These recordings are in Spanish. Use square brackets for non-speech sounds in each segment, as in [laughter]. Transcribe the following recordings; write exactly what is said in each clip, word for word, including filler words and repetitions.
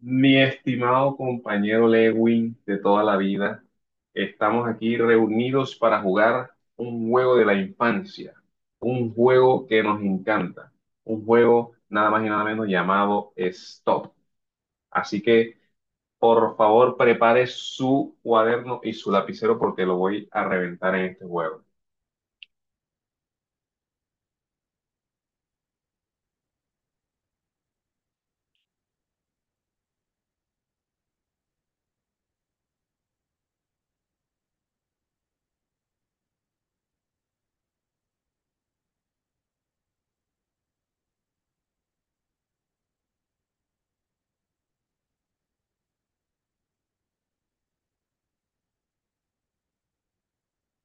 Mi estimado compañero Lewin de toda la vida, estamos aquí reunidos para jugar un juego de la infancia, un juego que nos encanta, un juego nada más y nada menos llamado Stop. Así que, por favor, prepare su cuaderno y su lapicero porque lo voy a reventar en este juego.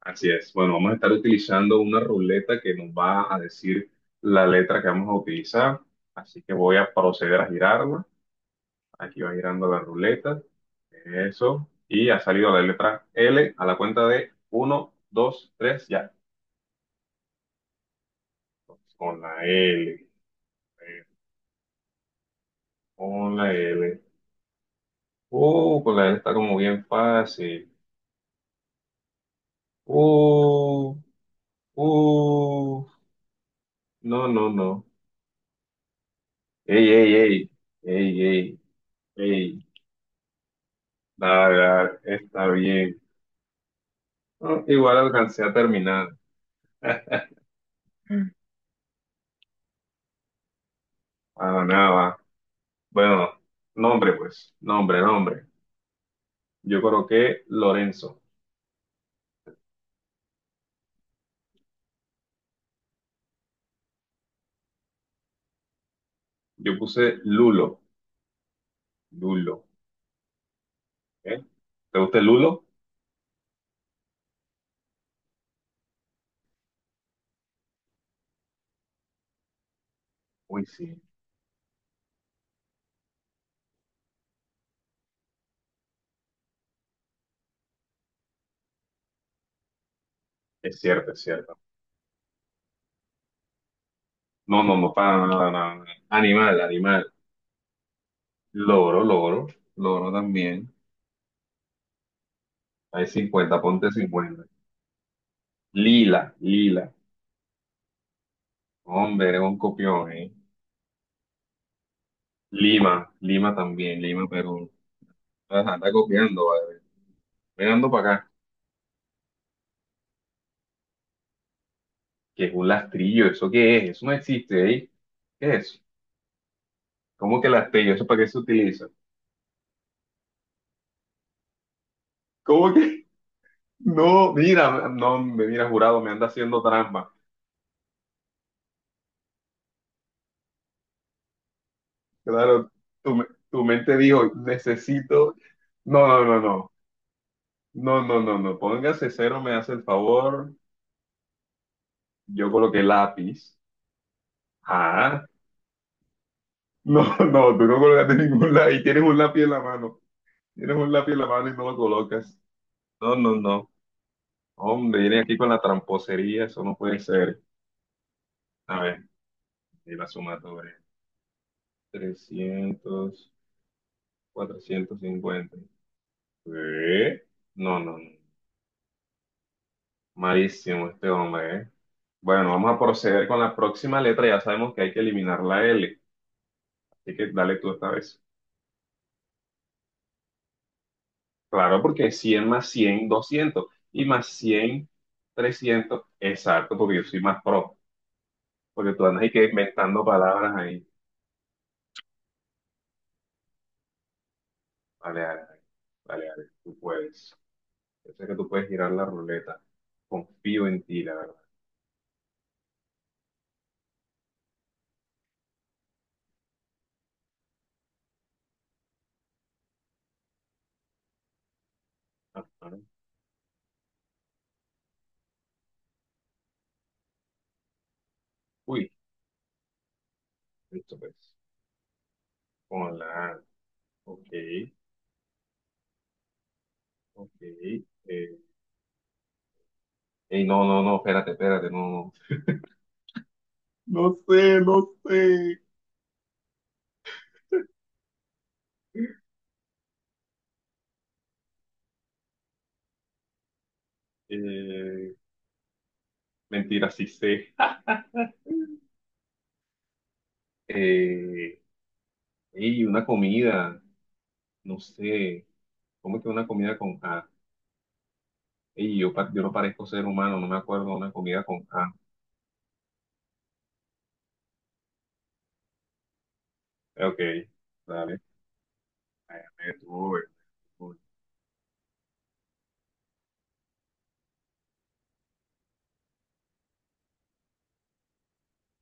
Así es. Bueno, vamos a estar utilizando una ruleta que nos va a decir la letra que vamos a utilizar. Así que voy a proceder a girarla. Aquí va girando la ruleta. Eso. Y ha salido la letra L a la cuenta de uno, dos, tres, ya. Con la L. Con la L. Uh, con la L está como bien fácil. Uh, uh. No, no, no. Ey, ey, ey. Ey, ey, ey. Dale, dale, está bien. No, igual alcancé a terminar. Para nada. Bueno, nombre pues. Nombre, nombre. Yo coloqué Lorenzo. Yo puse Lulo. Lulo. ¿Eh? ¿Te gusta el Lulo? Uy, sí. Es cierto, es cierto. No, no, no, para nada, nada, nada. Animal, animal. Loro, loro, loro también. Hay cincuenta, ponte cincuenta. Lila, lila. Hombre, eres un copión, ¿eh? Lima, Lima también, Lima, Perú. Ajá, anda copiando, vale. Venando para acá. ¿Qué es un lastrillo? ¿Eso qué es? Eso no existe, ¿eh? ¿Qué es? ¿Cómo que lastrillo? ¿Eso para qué se utiliza? ¿Cómo que? No, mira, no, me mira jurado, me anda haciendo trampa. Claro, tu, me- tu mente dijo, necesito. No, no, no, no. No, no, no, no. Póngase cero, me hace el favor. Yo coloqué lápiz. Ah, no, [laughs] no, tú no colocaste [laughs] ningún lápiz. Y tienes un lápiz en la mano. Tienes un lápiz en la mano y no lo colocas. No, no, no. Hombre, viene aquí con la tramposería, eso no puede ser. A ver, y la suma sobre trescientos, cuatrocientos cincuenta. ¿Eh? No, no, no. Malísimo este hombre, ¿eh? Bueno, vamos a proceder con la próxima letra. Ya sabemos que hay que eliminar la L. Así que dale tú esta vez. Claro, porque cien más cien doscientos. Y más cien trescientos. Exacto, porque yo soy más pro. Porque tú andas ahí que inventando palabras ahí. Vale, vale, vale. Vale, vale, tú puedes. Yo sé que tú puedes girar la ruleta. Confío en ti, la verdad. Ajá. Uy, listo pues. Hola. Ok, ok. eh, Ey, no, no, no, espérate, espérate, no. No sé, no sé. Eh, mentira, sí sé. Eh, ey, una comida, no sé. ¿Cómo es que una comida con A? Ey, yo, pa- yo no parezco ser humano, no me acuerdo de una comida con A. Eh, Ok, dale. Eh, me tuve, me tuve.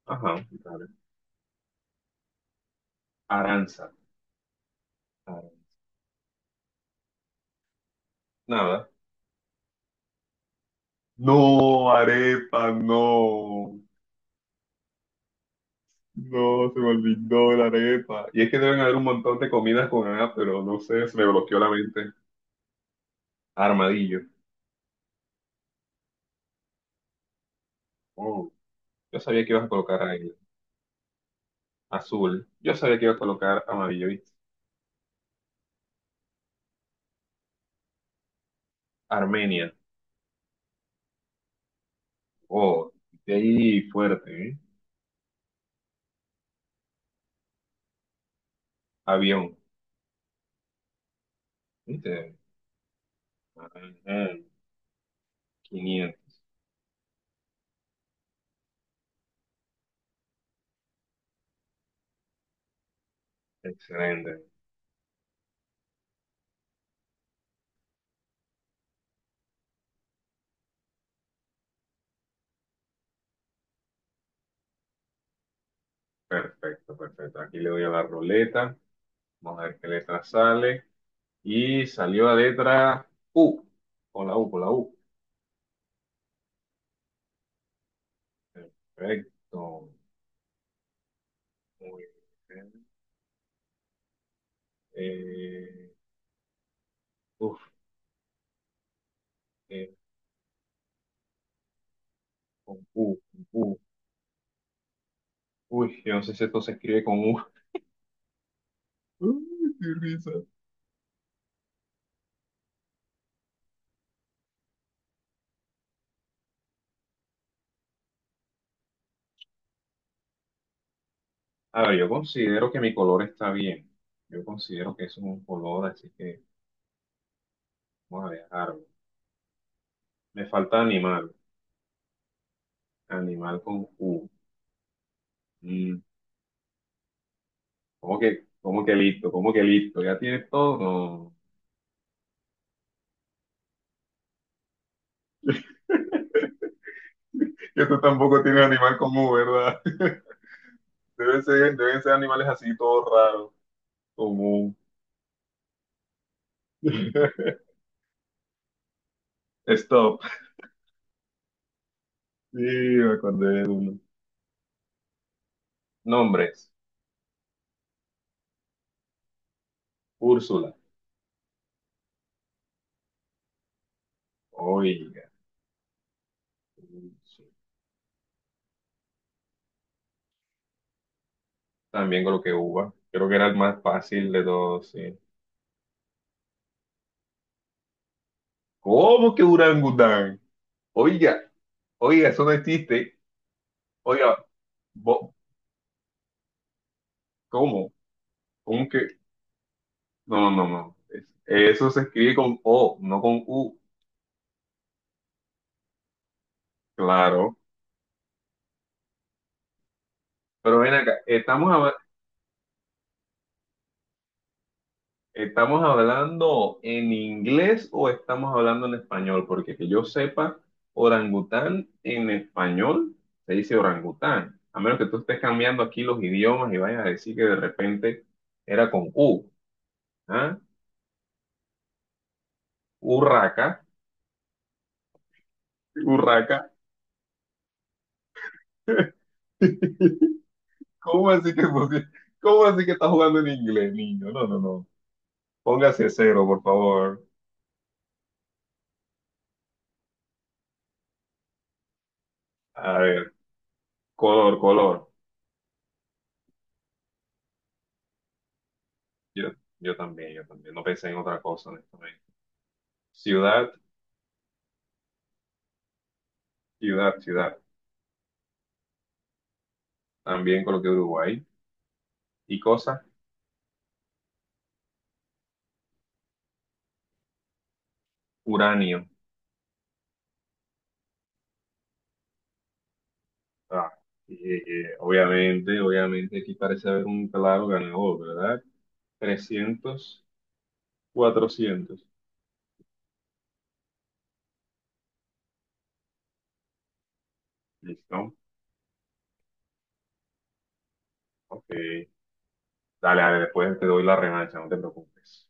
Ajá, dale. Aranza. Aranza. Nada. No, arepa, no. No, se me olvidó la arepa. Y es que deben haber un montón de comidas con A, pero no sé, se me bloqueó la mente. Armadillo. Oh, yo sabía que ibas a colocar ahí. Azul. Yo sabía que ibas a colocar amarillo. ¿Viste? Armenia. Oh, de ahí fuerte, ¿eh? Avión. ¿Viste? Ajá, quinientos. Excelente. Perfecto, perfecto. Aquí le doy a la ruleta. Vamos a ver qué letra sale. Y salió la letra U. Con la U, con la U. Perfecto. Muy bien. Eh, uf, eh, con U, con U. Uy, yo no sé si esto se escribe con U. [laughs] Uy, qué risa. A ver, yo considero que mi color está bien. Yo considero que eso es un color, así que vamos a dejarlo. Me falta animal. Animal con U. Mm, ¿cómo que, cómo que listo? ¿Cómo que listo? ¿Ya tienes todo? No. [laughs] Que tú tampoco tienes animal con U, ¿verdad? [laughs] Deben ser, deben ser animales así, todos raros, con U. [laughs] Stop. Sí, me acordé de uno. Nombres. Úrsula. Oiga. Úrsula. También coloqué uva. Creo que era el más fácil de todos, sí. ¿Cómo que orangután? Oiga, oiga, eso no existe. Oiga, bo- ¿cómo? ¿Cómo que? No, no, no. No. Es- Eso se escribe con O, no con U. Claro. Pero ven acá, estamos ¿estamos hablando en inglés o estamos hablando en español? Porque que yo sepa, orangután en español se dice orangután, a menos que tú estés cambiando aquí los idiomas y vayas a decir que de repente era con U, ¿ah? Urraca, urraca. [laughs] ¿Cómo así que, pusi- cómo así que estás jugando en inglés, niño? No, no, no. Póngase cero, por favor. A ver, color, color. Yo, yo también, yo también. No pensé en otra cosa, honestamente. Ciudad. Ciudad, ciudad. También coloqué Uruguay. Y cosa, uranio. Ah, eh, eh, obviamente, obviamente aquí parece haber un claro ganador, ¿verdad? Trescientos, cuatrocientos. ¿Listo? Ok. Dale, dale, después te doy la revancha, no te preocupes.